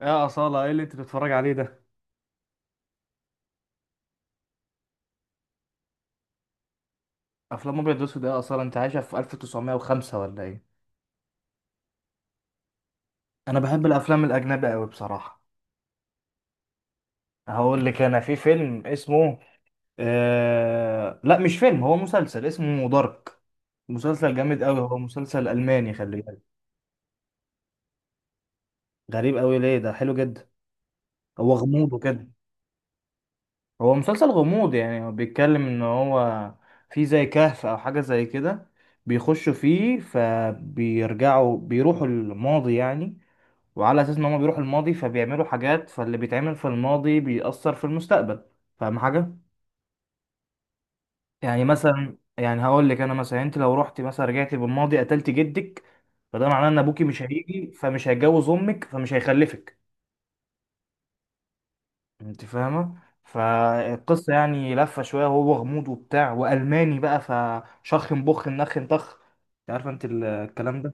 يا أصالة، ايه اللي انت بتتفرج عليه ده؟ افلام ابيض واسود؟ إيه يا أصالة، انت عايشة في 1905 ولا ايه؟ انا بحب الافلام الاجنبي قوي بصراحة. هقول لك، انا في فيلم اسمه لا، مش فيلم، هو مسلسل اسمه دارك. مسلسل جامد قوي، هو مسلسل الماني، خلي بالك. غريب قوي ليه؟ ده حلو جدا، هو غموض وكده. هو مسلسل غموض، يعني هو بيتكلم ان هو في زي كهف او حاجة زي كده، بيخشوا فيه فبيرجعوا بيروحوا الماضي يعني، وعلى اساس ان هما بيروحوا الماضي فبيعملوا حاجات، فاللي بيتعمل في الماضي بيأثر في المستقبل. فاهم حاجة؟ يعني مثلا، يعني هقول لك، انا مثلا انت لو رحت مثلا رجعتي بالماضي قتلت جدك، فده معناه ان ابوكي مش هيجي، فمش هيتجوز امك، فمش هيخلفك. انت فاهمة؟ فالقصة يعني لفة شوية، وهو غموض وبتاع والماني بقى، فشخ بخ نخ طخ. انت عارفة انت الكلام ده.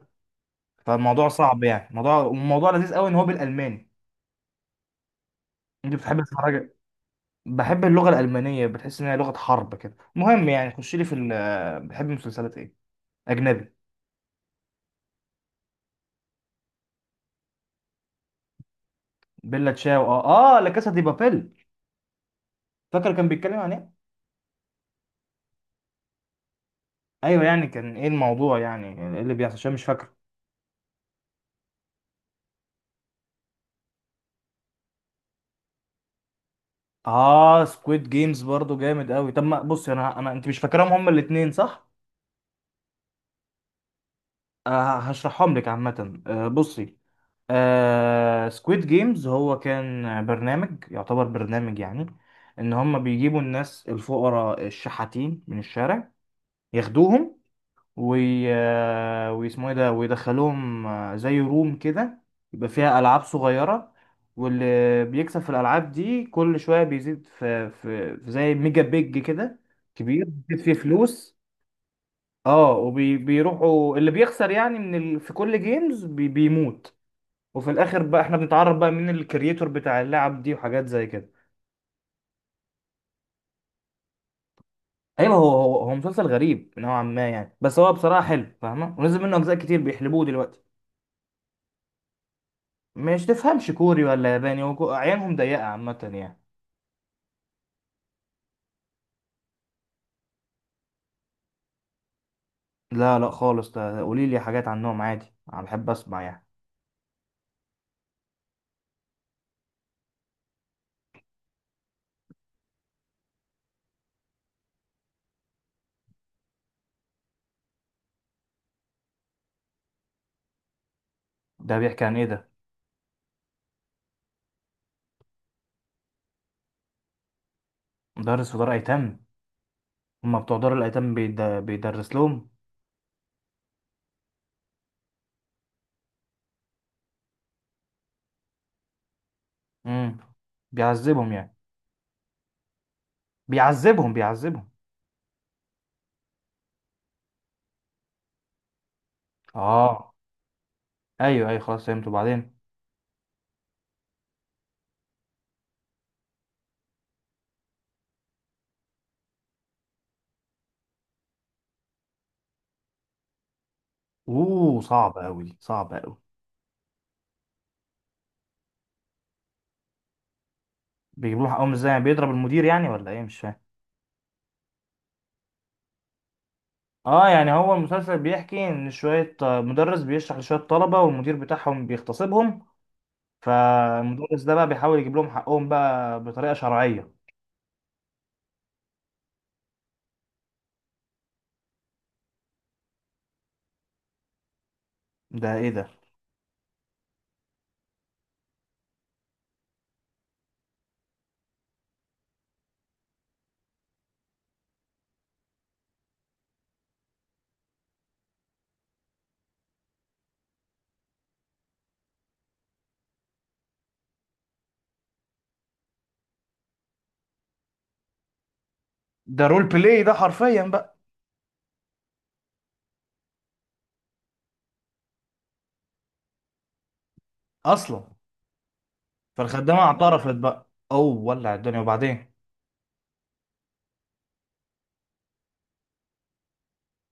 فالموضوع صعب يعني، الموضوع لذيذ قوي ان هو بالالماني. انت بتحب تتفرج؟ بحب اللغة الألمانية، بتحس إنها لغة حرب كده. المهم يعني، خش لي في ال بحب مسلسلات إيه؟ أجنبي. بيلا تشاو؟ آه آه، لا، كاسا دي بابيل. فاكر كان بيتكلم عن إيه؟ أيوه، يعني كان إيه الموضوع يعني؟ إيه اللي بيحصل؟ عشان مش فاكر. آه، سكويد جيمز برضو جامد أوي. طب ما بصي، أنا أنت مش فاكرهم هما الاتنين صح؟ آه، هشرحهم لك عامة. آه بصي، آه سكويد جيمز هو كان برنامج، يعتبر برنامج يعني، ان هم بيجيبوا الناس الفقراء الشحاتين من الشارع، ياخدوهم وي... ويسموه ايه ده، ويدخلوهم زي روم كده، يبقى فيها ألعاب صغيرة، واللي بيكسب في الألعاب دي كل شوية بيزيد في زي ميجا بيج كده كبير، بيزيد فيه فلوس. اه، وبيروحوا اللي بيخسر، يعني في كل جيمز بيموت. وفي الآخر بقى احنا بنتعرف بقى مين الكرييتور بتاع اللعب دي وحاجات زي كده. ايوه، هو مسلسل غريب نوعا ما يعني، بس هو بصراحة حلو، فاهمة؟ ونزل منه أجزاء كتير، بيحلبوه دلوقتي. مش تفهمش كوري ولا ياباني وكو- عينهم ضيقة عامة يعني. لا لا خالص، ده قولي لي حاجات عنهم عادي، انا بحب اسمع يعني. ده بيحكي عن ايه ده؟ مدرس في دار ايتام؟ هما بتوع دار الايتام بيدرس لهم؟ امم بيعذبهم يعني؟ بيعذبهم؟ اه. ايوه ايوه، خلاص فهمت، وبعدين؟ اوه صعب قوي دي، صعبة قوي. بيجيبوا له حقهم ازاي يعني؟ بيضرب المدير يعني ولا ايه؟ مش فاهم. اه، يعني هو المسلسل بيحكي ان شوية مدرس بيشرح لشوية طلبة والمدير بتاعهم بيغتصبهم، فالمدرس ده بقى بيحاول يجيب لهم حقهم بقى بطريقه شرعيه. ده ايه ده؟ ده رول بلاي ده حرفيا بقى. اصلا. فالخدامه اعترفت بقى، اوه ولع الدنيا، وبعدين؟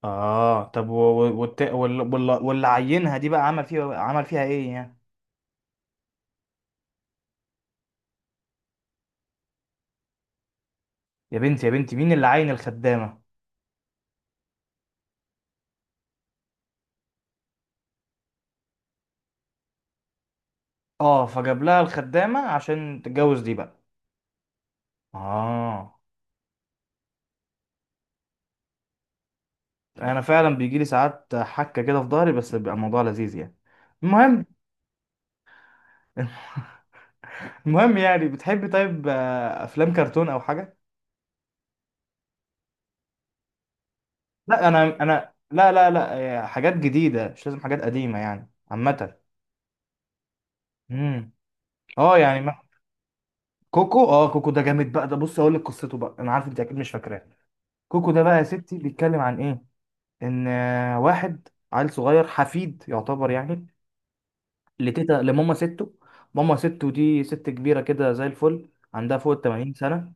اه، طب واللي عينها دي بقى عمل فيها، عمل فيها ايه يعني؟ يا بنتي يا بنتي، مين اللي عين الخدامه؟ اه، فجاب لها الخدامه عشان تتجوز دي بقى. اه. انا فعلا بيجي لي ساعات حكه كده في ظهري، بس بيبقى الموضوع لذيذ يعني. المهم. المهم يعني، بتحبي طيب افلام كرتون او حاجه؟ لا انا انا، لا، آه، حاجات جديده، مش لازم حاجات قديمه يعني عامه. امم. اه يعني ما... كوكو. اه، كوكو ده جامد بقى. ده بص اقول لك قصته بقى، انا عارف انت اكيد مش فاكراه. كوكو ده بقى يا ستي بيتكلم عن ايه؟ ان واحد عيل صغير حفيد، يعتبر يعني لتيتا، لماما ستو. ماما ستو دي ست كبيره كده زي الفل، عندها فوق ال 80 سنه.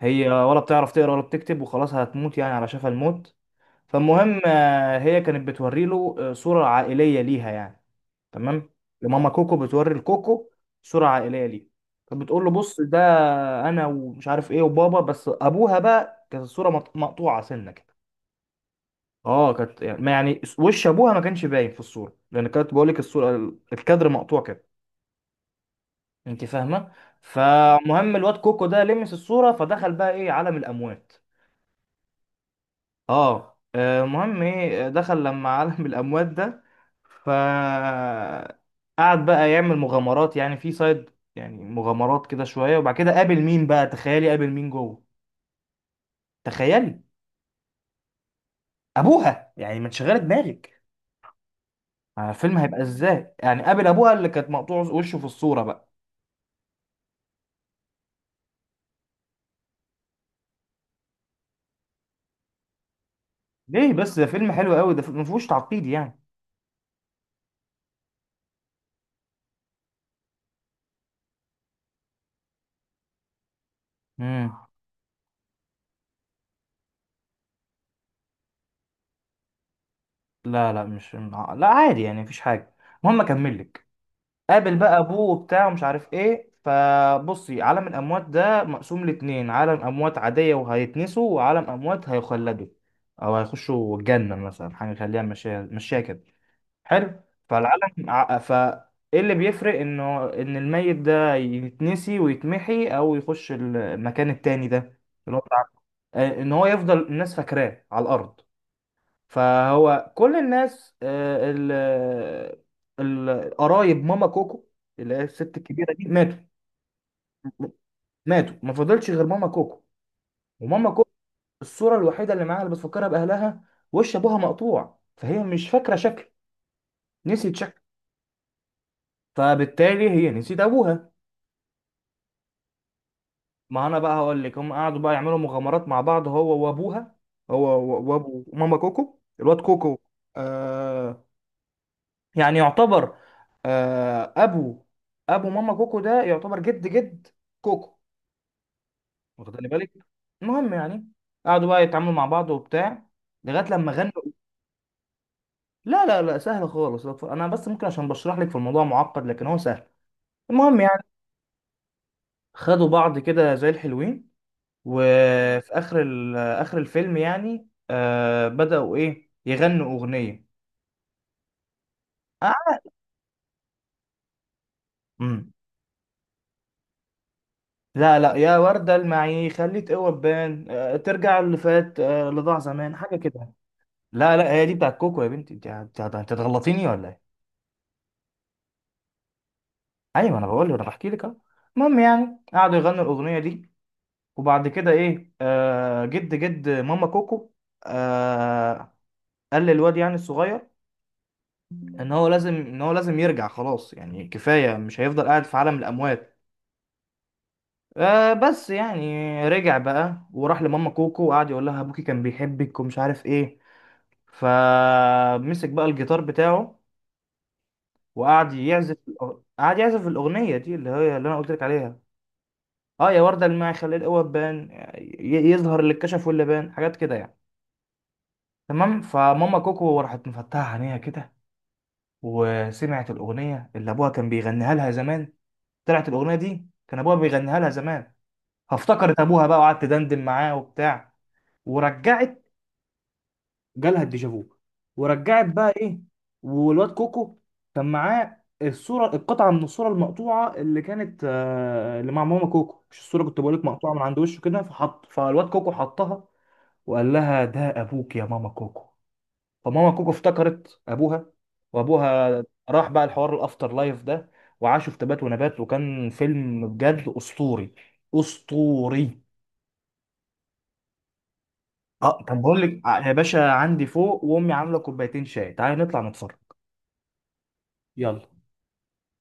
هي ولا بتعرف تقرا ولا بتكتب، وخلاص هتموت يعني، على شفا الموت. فالمهم هي كانت بتوري له صورة عائلية ليها يعني. تمام. لماما كوكو، بتوري لكوكو صورة عائلية ليها، فبتقول له بص ده انا، ومش عارف ايه، وبابا. بس ابوها بقى كانت الصورة مقطوعة سنة كده. اه كانت يعني، ما يعني وش ابوها ما كانش باين في الصورة، لان كانت بقول لك الصورة الكادر مقطوع كده. انت فاهمة؟ فمهم الواد كوكو ده لمس الصورة، فدخل بقى ايه، عالم الاموات. اه. مهم ايه، دخل لما عالم الاموات ده، ف قعد بقى يعمل مغامرات يعني في سايد، يعني مغامرات كده شويه، وبعد كده قابل مين بقى؟ تخيلي، قابل مين جوه؟ تخيلي. ابوها. يعني ما تشغلي دماغك الفيلم هيبقى ازاي يعني؟ قابل ابوها اللي كانت مقطوع وشه في الصوره بقى. ليه بس، ده فيلم حلو قوي ده، ما فيهوش تعقيد يعني. امم. لا لا مش، لا عادي يعني، مفيش حاجه. المهم اكمل لك. قابل بقى ابوه وبتاع ومش عارف ايه، فبصي عالم الاموات ده مقسوم لاتنين: عالم اموات عاديه وهيتنسوا، وعالم اموات هيخلدوا او هيخشوا الجنه مثلا، حاجه خليها مشيها مشيها كده. حلو. فالعالم ع- ف ايه اللي بيفرق انه ان الميت ده يتنسي ويتمحي او يخش المكان التاني ده؟ اللي هو بتاع- آه، ان هو يفضل الناس فاكراه على الارض. فهو كل الناس القرايب ماما كوكو، اللي هي الست الكبيره دي، ماتوا. ماتوا، ما فضلش غير ماما كوكو. وماما كوكو الصوره الوحيده اللي معاها اللي بتفكرها باهلها، وش ابوها مقطوع، فهي مش فاكره شكل، نسيت شكل. فبالتالي هي نسيت ابوها. ما انا بقى هقول لك، هم قعدوا بقى يعملوا مغامرات مع بعض، هو وابوها، هو وابو ماما كوكو الواد كوكو. آه يعني، يعتبر آه، ابو ابو ماما كوكو ده يعتبر جد جد كوكو، واخدني بالك؟ المهم يعني، قعدوا بقى يتعاملوا مع بعض وبتاع، لغايه لما غنوا. لا سهل خالص، لا تف- انا بس ممكن عشان بشرح لك في الموضوع معقد، لكن هو سهل. المهم يعني، خدوا بعض كده زي الحلوين، وفي اخر اخر الفيلم يعني، آه بدأوا ايه، يغنوا اغنيه. آه. لا لا، يا وردة المعي خليه تقوى بان ترجع اللي فات، اللي ضاع زمان، حاجة كده. لا لا، هي دي بتاعت كوكو يا بنتي، انت هتغلطيني ولا ايه؟ ايوه انا بقول لك، انا بحكي لك اهو. المهم يعني، قعدوا يغنوا الأغنية دي، وبعد كده ايه، آه، جد جد ماما كوكو، آه، قال للواد يعني الصغير ان هو لازم، ان هو لازم يرجع، خلاص يعني كفاية، مش هيفضل قاعد في عالم الأموات. آه بس يعني، رجع بقى وراح لماما كوكو، وقعد يقول لها ابوكي كان بيحبك ومش عارف ايه. فمسك بقى الجيتار بتاعه وقعد يعزف. قعد يعزف الاغنيه دي، اللي هي اللي انا قلت لك عليها. اه، يا ورده الماعي خلي القوه تبان، يظهر اللي اتكشف واللي بان، حاجات كده يعني. تمام. فماما كوكو راحت مفتحه عينيها كده، وسمعت الاغنيه اللي ابوها كان بيغنيها لها زمان. طلعت الاغنيه دي كان ابوها بيغنيها لها زمان، فافتكرت ابوها بقى، وقعدت دندن معاه وبتاع، ورجعت. جالها الديجافو، ورجعت بقى ايه. والواد كوكو كان معاه الصوره، القطعه من الصوره المقطوعه، اللي كانت اللي مع ماما كوكو، مش الصوره كنت بقول لك مقطوعه من عند وشه كده، فحط فالواد كوكو حطها وقال لها ده ابوك يا ماما كوكو. فماما كوكو افتكرت ابوها، وابوها راح بقى الحوار الافتر لايف ده. وعاشوا في تبات ونبات، وكان فيلم بجد اسطوري، اسطوري. اه، طب بقول لك يا باشا، عندي فوق وامي عامله كوبايتين شاي، تعالى نطلع نتفرج. يلا.